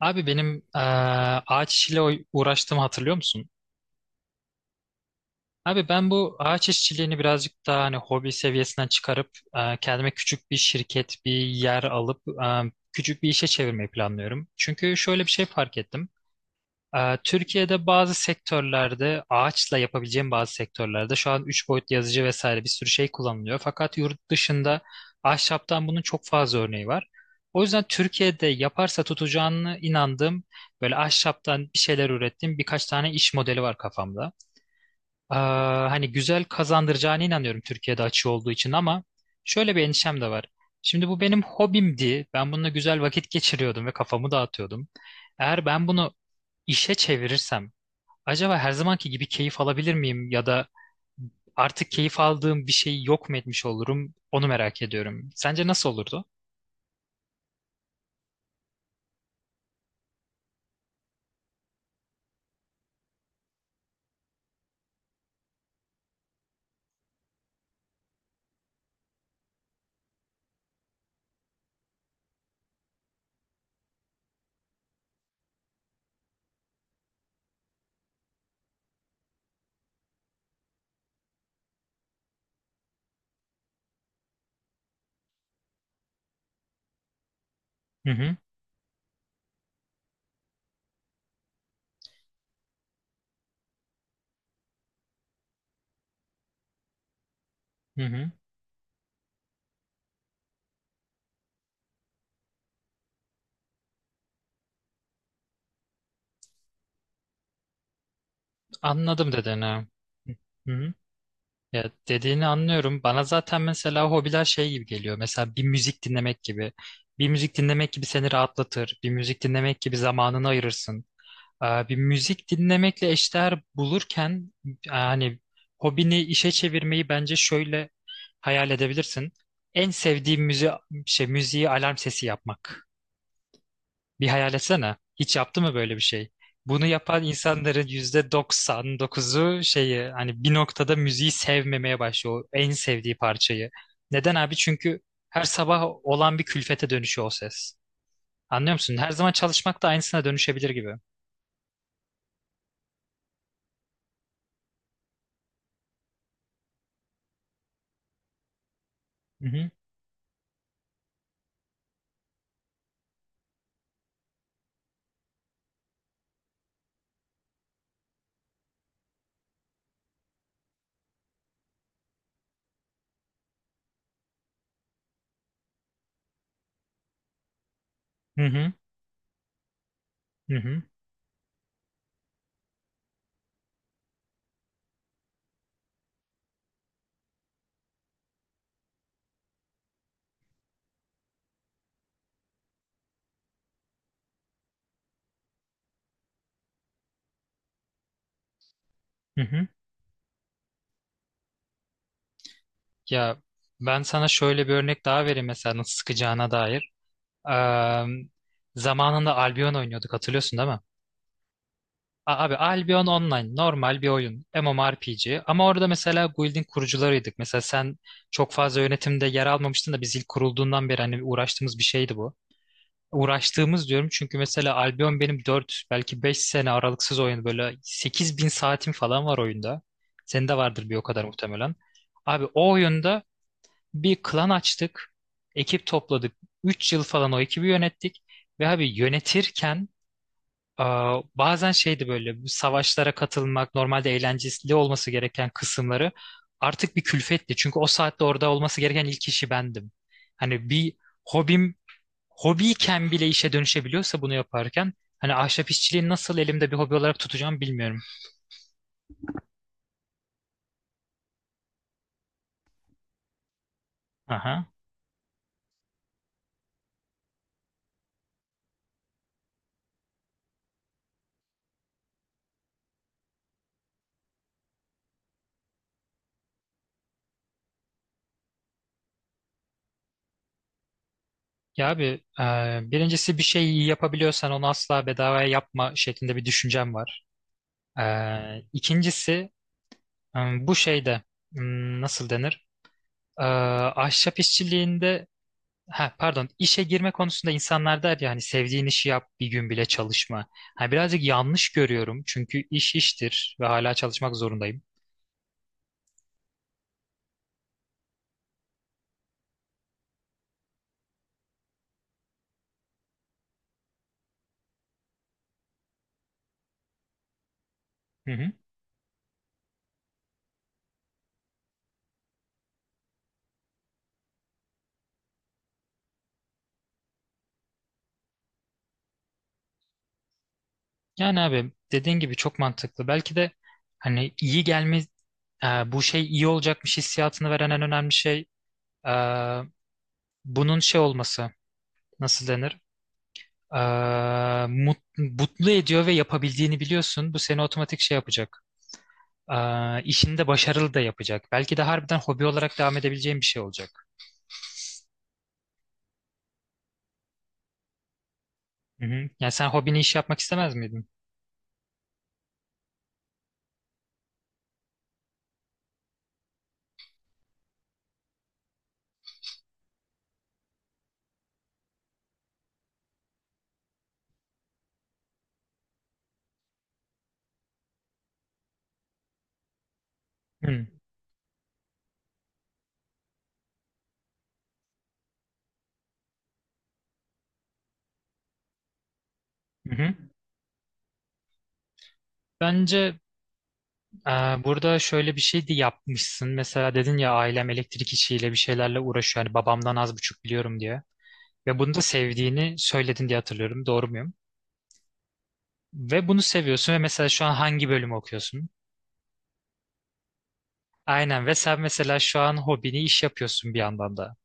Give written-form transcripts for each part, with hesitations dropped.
Abi benim ağaç işiyle uğraştığımı hatırlıyor musun? Abi ben bu ağaç işçiliğini birazcık daha hani hobi seviyesinden çıkarıp kendime küçük bir şirket, bir yer alıp küçük bir işe çevirmeyi planlıyorum. Çünkü şöyle bir şey fark ettim. Türkiye'de bazı sektörlerde ağaçla yapabileceğim bazı sektörlerde şu an 3 boyutlu yazıcı vesaire bir sürü şey kullanılıyor. Fakat yurt dışında ahşaptan bunun çok fazla örneği var. O yüzden Türkiye'de yaparsa tutacağını inandığım böyle ahşaptan bir şeyler ürettiğim birkaç tane iş modeli var kafamda. Hani güzel kazandıracağına inanıyorum Türkiye'de açığı olduğu için ama şöyle bir endişem de var. Şimdi bu benim hobimdi. Ben bununla güzel vakit geçiriyordum ve kafamı dağıtıyordum. Eğer ben bunu işe çevirirsem acaba her zamanki gibi keyif alabilir miyim ya da artık keyif aldığım bir şey yok mu etmiş olurum? Onu merak ediyorum. Sence nasıl olurdu? Hı hı, hı hı. Anladım dedin ha. Hı hı. Ya, dediğini anlıyorum. Bana zaten mesela hobiler şey gibi geliyor. Mesela bir müzik dinlemek gibi. Bir müzik dinlemek gibi seni rahatlatır. Bir müzik dinlemek gibi zamanını ayırırsın. Bir müzik dinlemekle eşdeğer bulurken hani hobini işe çevirmeyi bence şöyle hayal edebilirsin. En sevdiğim müziği alarm sesi yapmak. Bir hayal etsene. Hiç yaptı mı böyle bir şey? Bunu yapan insanların %99'u hani bir noktada müziği sevmemeye başlıyor. O en sevdiği parçayı. Neden abi? Çünkü her sabah olan bir külfete dönüşüyor o ses. Anlıyor musun? Her zaman çalışmak da aynısına dönüşebilir gibi. Hı hı. Hı hı. Hı hı. Hı hı. Ya, ben sana şöyle bir örnek daha vereyim mesela nasıl sıkacağına dair. Eee, zamanında Albion oynuyorduk, hatırlıyorsun değil mi? Abi, Albion Online normal bir oyun. MMORPG ama orada mesela guild'in kurucularıydık. Mesela sen çok fazla yönetimde yer almamıştın da biz ilk kurulduğundan beri hani uğraştığımız bir şeydi bu. Uğraştığımız diyorum çünkü mesela Albion benim 4 belki 5 sene aralıksız oyun böyle 8.000 saatim falan var oyunda. Senin de vardır bir o kadar muhtemelen. Abi, o oyunda bir klan açtık. Ekip topladık. 3 yıl falan o ekibi yönettik. Ve abi yönetirken bazen şeydi böyle bu savaşlara katılmak, normalde eğlenceli olması gereken kısımları artık bir külfetti. Çünkü o saatte orada olması gereken ilk kişi bendim. Hani bir hobim hobiyken bile işe dönüşebiliyorsa bunu yaparken hani ahşap işçiliği nasıl elimde bir hobi olarak tutacağım bilmiyorum. Aha. Ya abi, birincisi bir şey yapabiliyorsan onu asla bedavaya yapma şeklinde bir düşüncem var. İkincisi bu şeyde nasıl denir? Ee, ahşap işçiliğinde ha pardon işe girme konusunda insanlar der ya hani sevdiğin işi yap bir gün bile çalışma. Ha, birazcık yanlış görüyorum çünkü iş iştir ve hala çalışmak zorundayım. Hı hı. Yani abi dediğin gibi çok mantıklı. Belki de hani iyi gelme, bu şey iyi olacakmış hissiyatını veren en önemli şey e, bunun şey olması. Nasıl denir? E, mut- mutlu ediyor ve yapabildiğini biliyorsun. Bu seni otomatik şey yapacak. E, işini de başarılı da yapacak. Belki de harbiden hobi olarak devam edebileceğin bir şey olacak. Hı hı. Yani sen hobini iş yapmak istemez miydin? Hı hı. Bence, Ee, Burada şöyle bir şey de yapmışsın. Mesela dedin ya ailem elektrik işiyle bir şeylerle uğraşıyor. Yani babamdan az buçuk biliyorum diye. Ve bunu da sevdiğini söyledin diye hatırlıyorum. Doğru muyum? Ve bunu seviyorsun ve mesela şu an hangi bölümü okuyorsun? Aynen, ve sen mesela şu an hobini iş yapıyorsun bir yandan da.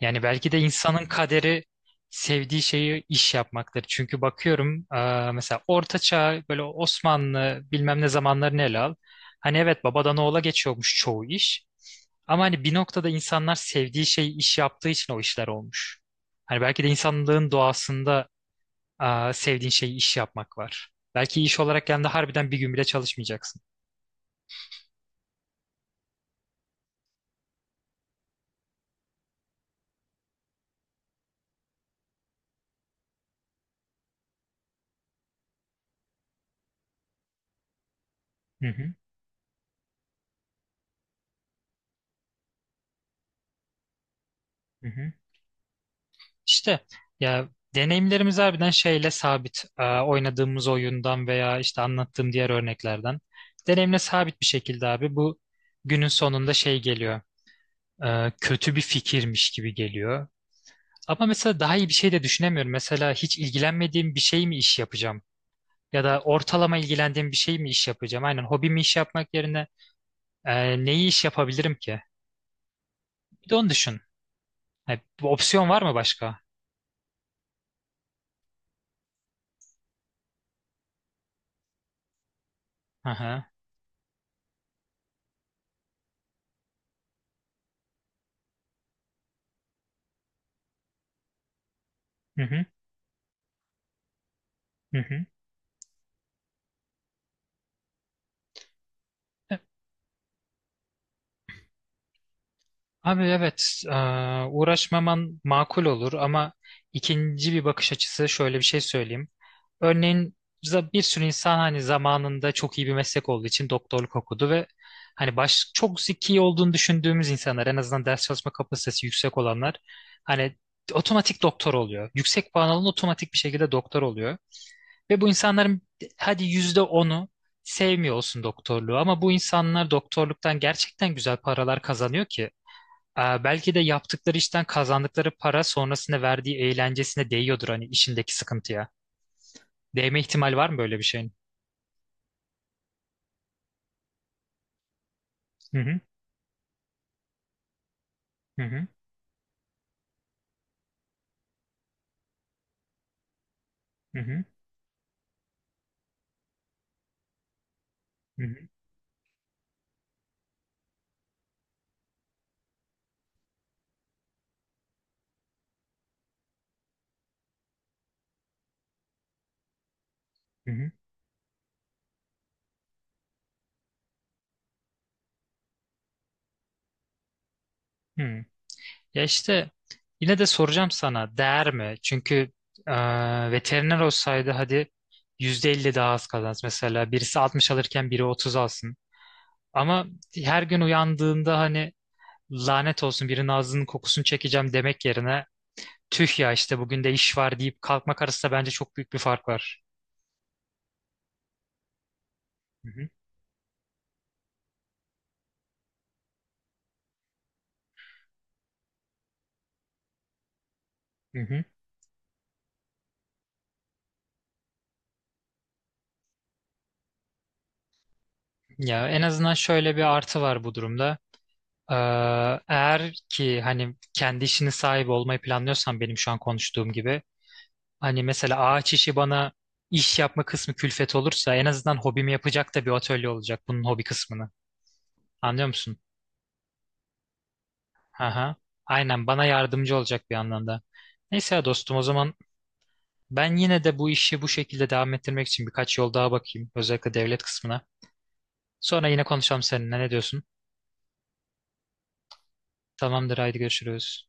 Yani belki de insanın kaderi sevdiği şeyi iş yapmaktır. Çünkü bakıyorum mesela Orta Çağ böyle Osmanlı bilmem ne zamanlarını ele al. Hani evet babadan oğula geçiyormuş çoğu iş. Ama hani bir noktada insanlar sevdiği şeyi iş yaptığı için o işler olmuş. Hani belki de insanlığın doğasında sevdiğin şeyi iş yapmak var. Belki iş olarak yani harbiden bir gün bile çalışmayacaksın. Hı hı, hı hı. İşte, ya deneyimlerimiz harbiden şeyle sabit. Oynadığımız oyundan veya işte anlattığım diğer örneklerden. Deneyimle sabit bir şekilde abi bu günün sonunda şey geliyor. Kötü bir fikirmiş gibi geliyor. Ama mesela daha iyi bir şey de düşünemiyorum. Mesela hiç ilgilenmediğim bir şey mi iş yapacağım? Ya da ortalama ilgilendiğim bir şey mi iş yapacağım? Aynen hobimi iş yapmak yerine neyi iş yapabilirim ki? Bir de onu düşün. Ha, bu opsiyon var mı başka? Aha. Hı hı. Hı hı. Abi evet, uğraşmaman makul olur ama ikinci bir bakış açısı şöyle bir şey söyleyeyim. Örneğin bir sürü insan hani zamanında çok iyi bir meslek olduğu için doktorluk okudu ve hani çok zeki olduğunu düşündüğümüz insanlar en azından ders çalışma kapasitesi yüksek olanlar hani otomatik doktor oluyor. Yüksek puan alan otomatik bir şekilde doktor oluyor. Ve bu insanların hadi %10'u sevmiyor olsun doktorluğu ama bu insanlar doktorluktan gerçekten güzel paralar kazanıyor ki. Belki de yaptıkları işten kazandıkları para sonrasında verdiği eğlencesine değiyordur hani işindeki sıkıntıya. Değme ihtimal var mı böyle bir şeyin? Hı hı, hı hı, hı hı, hı hı, hı hı, hı. Ya işte yine de soracağım sana değer mi? Çünkü veteriner olsaydı hadi %50 daha az kazansın. Mesela birisi 60 alırken biri 30 alsın. Ama her gün uyandığında hani lanet olsun birinin ağzının kokusunu çekeceğim demek yerine tüh ya işte bugün de iş var deyip kalkmak arasında bence çok büyük bir fark var. Hı hı, hı hı. Ya en azından şöyle bir artı var bu durumda. Ee, eğer ki hani kendi işinin sahibi olmayı planlıyorsan benim şu an konuştuğum gibi hani mesela ağaç işi bana iş yapma kısmı külfet olursa en azından hobimi yapacak da bir atölye olacak bunun hobi kısmını. Anlıyor musun? Aha. Aynen bana yardımcı olacak bir anlamda. Neyse ya dostum o zaman ben yine de bu işi bu şekilde devam ettirmek için birkaç yol daha bakayım. Özellikle devlet kısmına. Sonra yine konuşalım seninle. Ne diyorsun? Tamamdır, haydi görüşürüz.